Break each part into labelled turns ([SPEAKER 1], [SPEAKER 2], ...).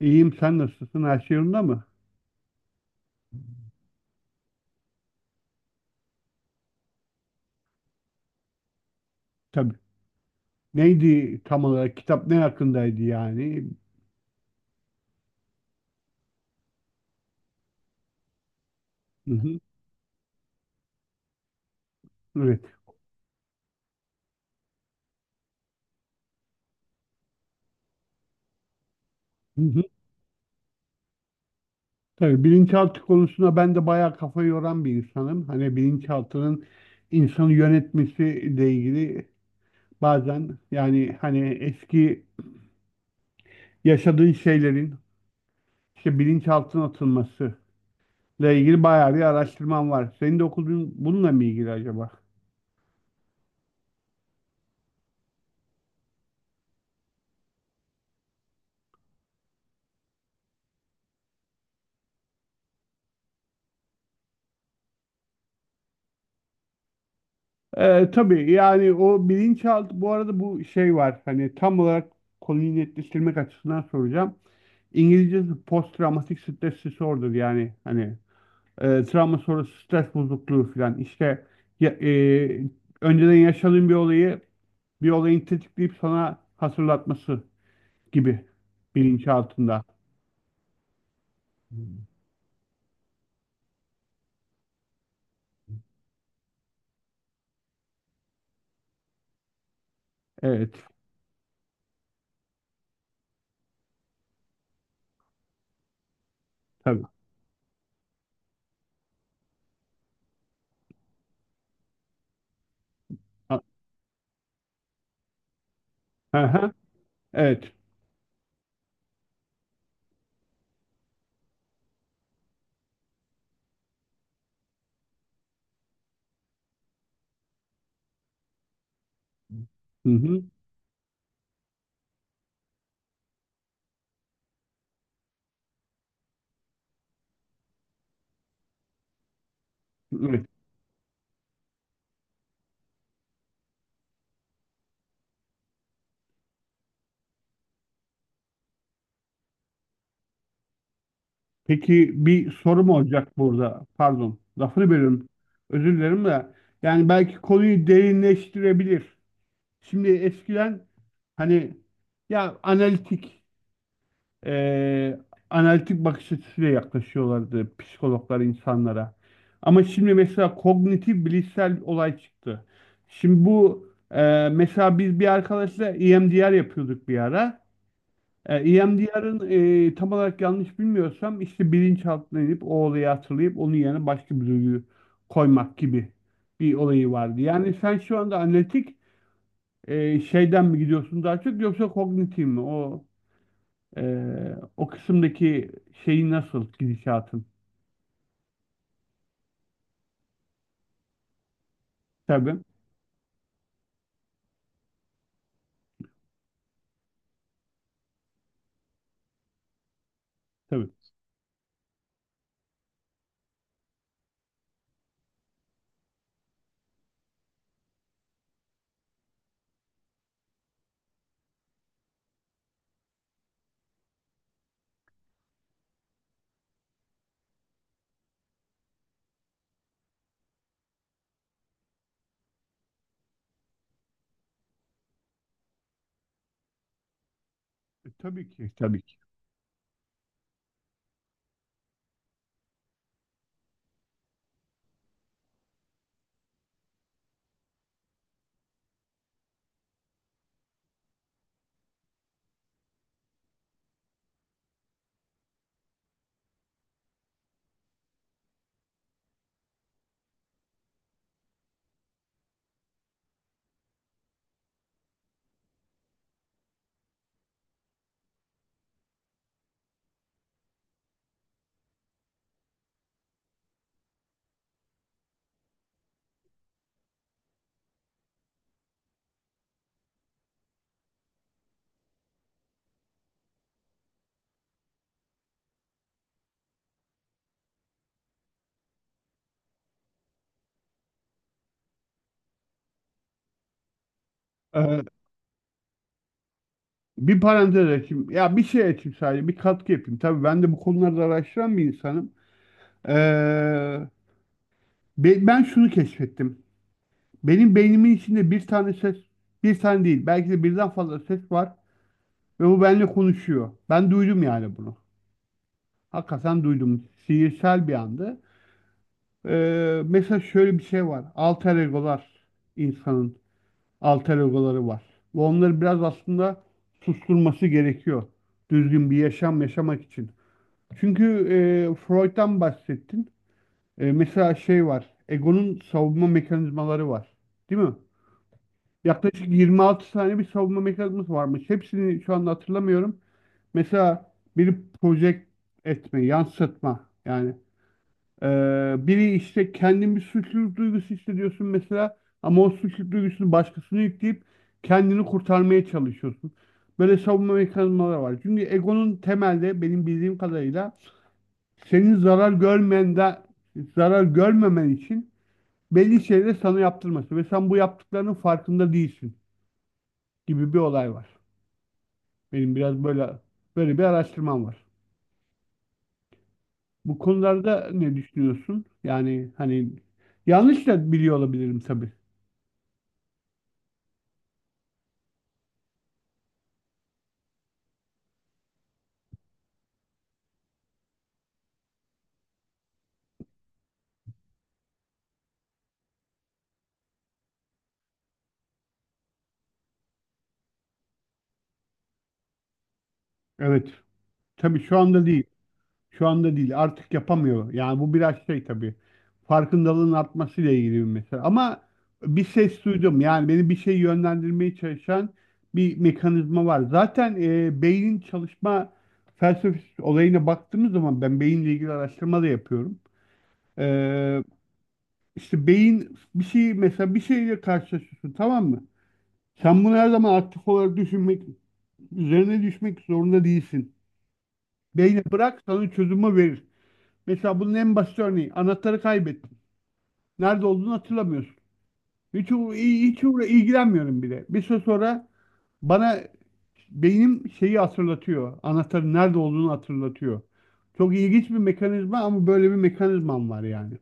[SPEAKER 1] İyiyim, sen nasılsın? Her şey yolunda mı? Tabii. Neydi tam olarak? Kitap ne hakkındaydı yani? Hı hı. Evet. Hı hı. Tabii bilinçaltı konusuna ben de bayağı kafa yoran bir insanım. Hani bilinçaltının insanı yönetmesiyle ilgili bazen yani hani eski yaşadığın şeylerin işte bilinçaltına atılmasıyla ilgili bayağı bir araştırmam var. Senin de okuduğun bununla mı ilgili acaba? Tabii yani o bilinçaltı bu arada bu şey var hani tam olarak konuyu netleştirmek açısından soracağım. İngilizcesi post travmatik stres disorder yani hani travma sonrası stres bozukluğu falan işte ya, önceden yaşadığın bir olayı bir olayın tetikleyip sana hatırlatması gibi bilinçaltında. Hmm. Evet, tabii. A- Aha, evet. Hı hı. Evet. Peki, bir sorum olacak burada. Pardon, lafını bölüyorum. Özür dilerim de. Yani belki konuyu derinleştirebilir. Şimdi eskiden hani ya eee, analitik bakış açısıyla yaklaşıyorlardı psikologlar insanlara. Ama şimdi mesela kognitif bilişsel olay çıktı. Şimdi bu mesela biz bir arkadaşla EMDR yapıyorduk bir ara. EMDR'ın tam olarak yanlış bilmiyorsam işte bilinçaltına inip o olayı hatırlayıp onun yerine başka bir duyguyu koymak gibi bir olayı vardı. Yani sen şu anda analitik şeyden mi gidiyorsun daha çok, yoksa kognitif mi? E, o kısımdaki şeyi nasıl gidişatın? Tabii. Tabii. Tabii ki, tabii ki. E, bir parantez açayım. Ya bir şey açayım sadece, bir katkı yapayım. Tabii, ben de bu konularda araştıran bir insanım. E, ben şunu keşfettim. Benim beynimin içinde bir tane ses, bir tane değil, belki de birden fazla ses var ve bu benimle konuşuyor. Ben duydum yani bunu. Hakikaten duydum. Sihirsel bir andı. Mesela şöyle bir şey var. Alter egolar, insanın alter egoları var. Ve onları biraz aslında susturması gerekiyor. Düzgün bir yaşam yaşamak için. Çünkü Freud'dan bahsettin. Mesela şey var. Egonun savunma mekanizmaları var. Değil mi? Yaklaşık 26 tane bir savunma mekanizması varmış. Hepsini şu anda hatırlamıyorum. Mesela biri project etme, yansıtma. Yani biri işte kendin bir suçluluk duygusu hissediyorsun mesela, ama o suçluluk duygusunu başkasına yükleyip kendini kurtarmaya çalışıyorsun. Böyle savunma mekanizmaları var. Çünkü egonun temelde benim bildiğim kadarıyla senin zarar görmen de zarar görmemen için belli şeyleri sana yaptırması ve sen bu yaptıklarının farkında değilsin gibi bir olay var. Benim biraz böyle bir araştırmam var. Bu konularda ne düşünüyorsun? Yani hani yanlış da biliyor olabilirim tabii. Evet. Tabii şu anda değil. Şu anda değil. Artık yapamıyor. Yani bu biraz şey tabii. Farkındalığın artmasıyla ilgili bir mesele. Ama bir ses duydum. Yani beni bir şey yönlendirmeye çalışan bir mekanizma var. Zaten beynin çalışma felsefesi olayına baktığımız zaman ben beyinle ilgili araştırma da yapıyorum. E, İşte beyin bir şey, mesela bir şeyle karşılaşıyorsun, tamam mı? Sen bunu her zaman aktif olarak düşünmek, üzerine düşmek zorunda değilsin. Beyne bırak, sana çözümü verir. Mesela bunun en basit örneği, anahtarı kaybettin. Nerede olduğunu hatırlamıyorsun. Hiç, uğra- hiç uğra- ilgilenmiyorum bile. Bir süre sonra bana beynim şeyi hatırlatıyor. Anahtarın nerede olduğunu hatırlatıyor. Çok ilginç bir mekanizma, ama böyle bir mekanizmam var yani.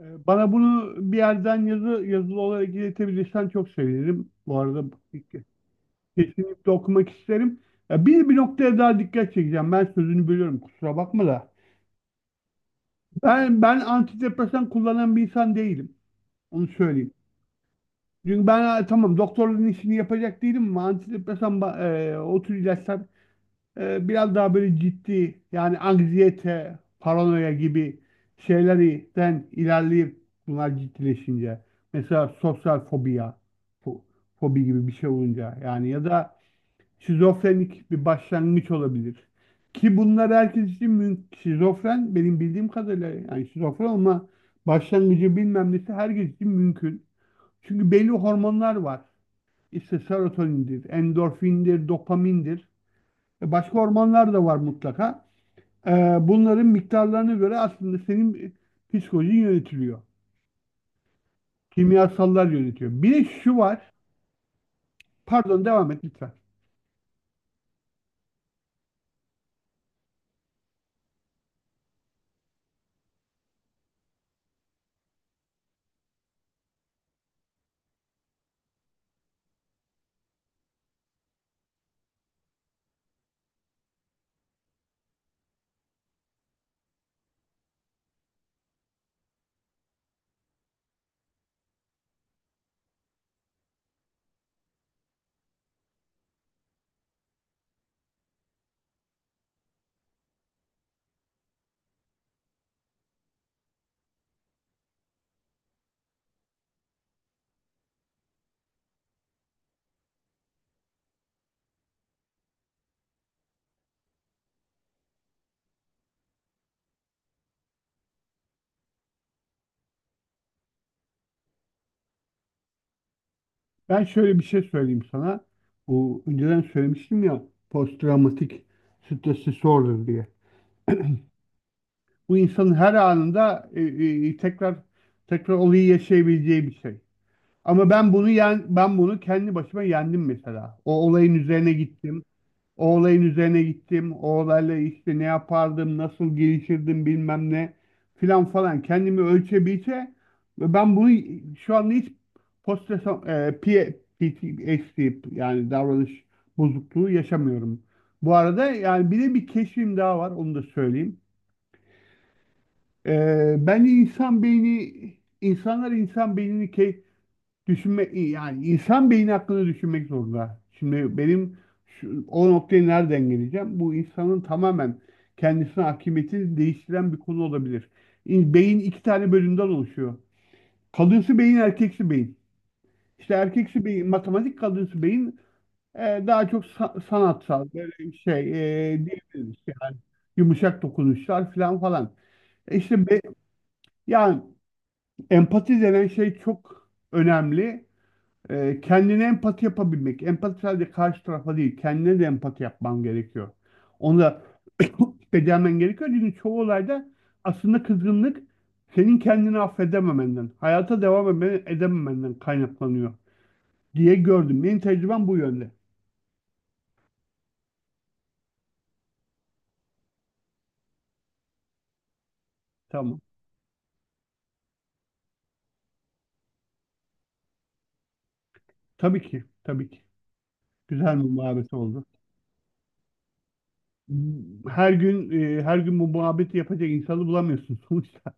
[SPEAKER 1] Bana bunu bir yerden yazılı olarak iletebilirsen çok sevinirim. Bu arada kesinlikle okumak isterim. Ya bir noktaya daha dikkat çekeceğim. Ben sözünü bölüyorum, kusura bakma da. Ben antidepresan kullanan bir insan değilim. Onu söyleyeyim. Çünkü ben ha, tamam, doktorun işini yapacak değilim, ama antidepresan o tür ilaçlar biraz daha böyle ciddi yani anksiyete, paranoya gibi şeylerden ilerleyip bunlar ciddileşince, mesela sosyal fobiya, fo- fobi gibi bir şey olunca yani, ya da şizofrenik bir başlangıç olabilir. Ki bunlar herkes için mümkün. Şizofren, benim bildiğim kadarıyla yani şizofren ama başlangıcı, bilmem nesi herkes için mümkün. Çünkü belli hormonlar var. İşte serotonindir, endorfindir, dopamindir. Başka ormanlar da var mutlaka. E, bunların miktarlarına göre aslında senin psikolojin yönetiliyor. Kimyasallar yönetiyor. Bir de şu var. Pardon, devam et lütfen. Ben şöyle bir şey söyleyeyim sana. Bu önceden söylemiştim ya, posttraumatik stres disorder diye. Bu insanın her anında tekrar tekrar olayı yaşayabileceği bir şey. Ama ben bunu kendi başıma yendim mesela. O olayın üzerine gittim. O olayın üzerine gittim. O olayla işte ne yapardım, nasıl gelişirdim, bilmem ne filan falan. Kendimi ölçebilse ve ben bunu şu anda hiç post PTSD yani davranış bozukluğu yaşamıyorum. Bu arada yani bir de bir keşfim daha var, onu da söyleyeyim. Bence insan beyni, insanlar insan beynini düşünme yani insan beyni hakkında düşünmek zorunda. Şimdi benim şu, o noktaya nereden geleceğim? Bu insanın tamamen kendisine hakimiyetini değiştiren bir konu olabilir. Beyin iki tane bölümden oluşuyor. Kadınsı beyin, erkeksi beyin. İşte erkeksi beyin matematik, kadınsı beyin daha çok sanatsal, böyle şey diyebiliriz yani, yumuşak dokunuşlar falan falan. E İşte be- yani empati denen şey çok önemli. Kendine empati yapabilmek. Empati sadece karşı tarafa değil, kendine de empati yapman gerekiyor. Onu da becermen gerekiyor. Çünkü çoğu olayda aslında kızgınlık senin kendini affedememenden, hayata devam edememenden kaynaklanıyor diye gördüm. Benim tecrübem bu yönde. Tamam. Tabii ki, tabii ki. Güzel bir muhabbet oldu. Her gün her gün bu muhabbeti yapacak insanı bulamıyorsun sonuçta.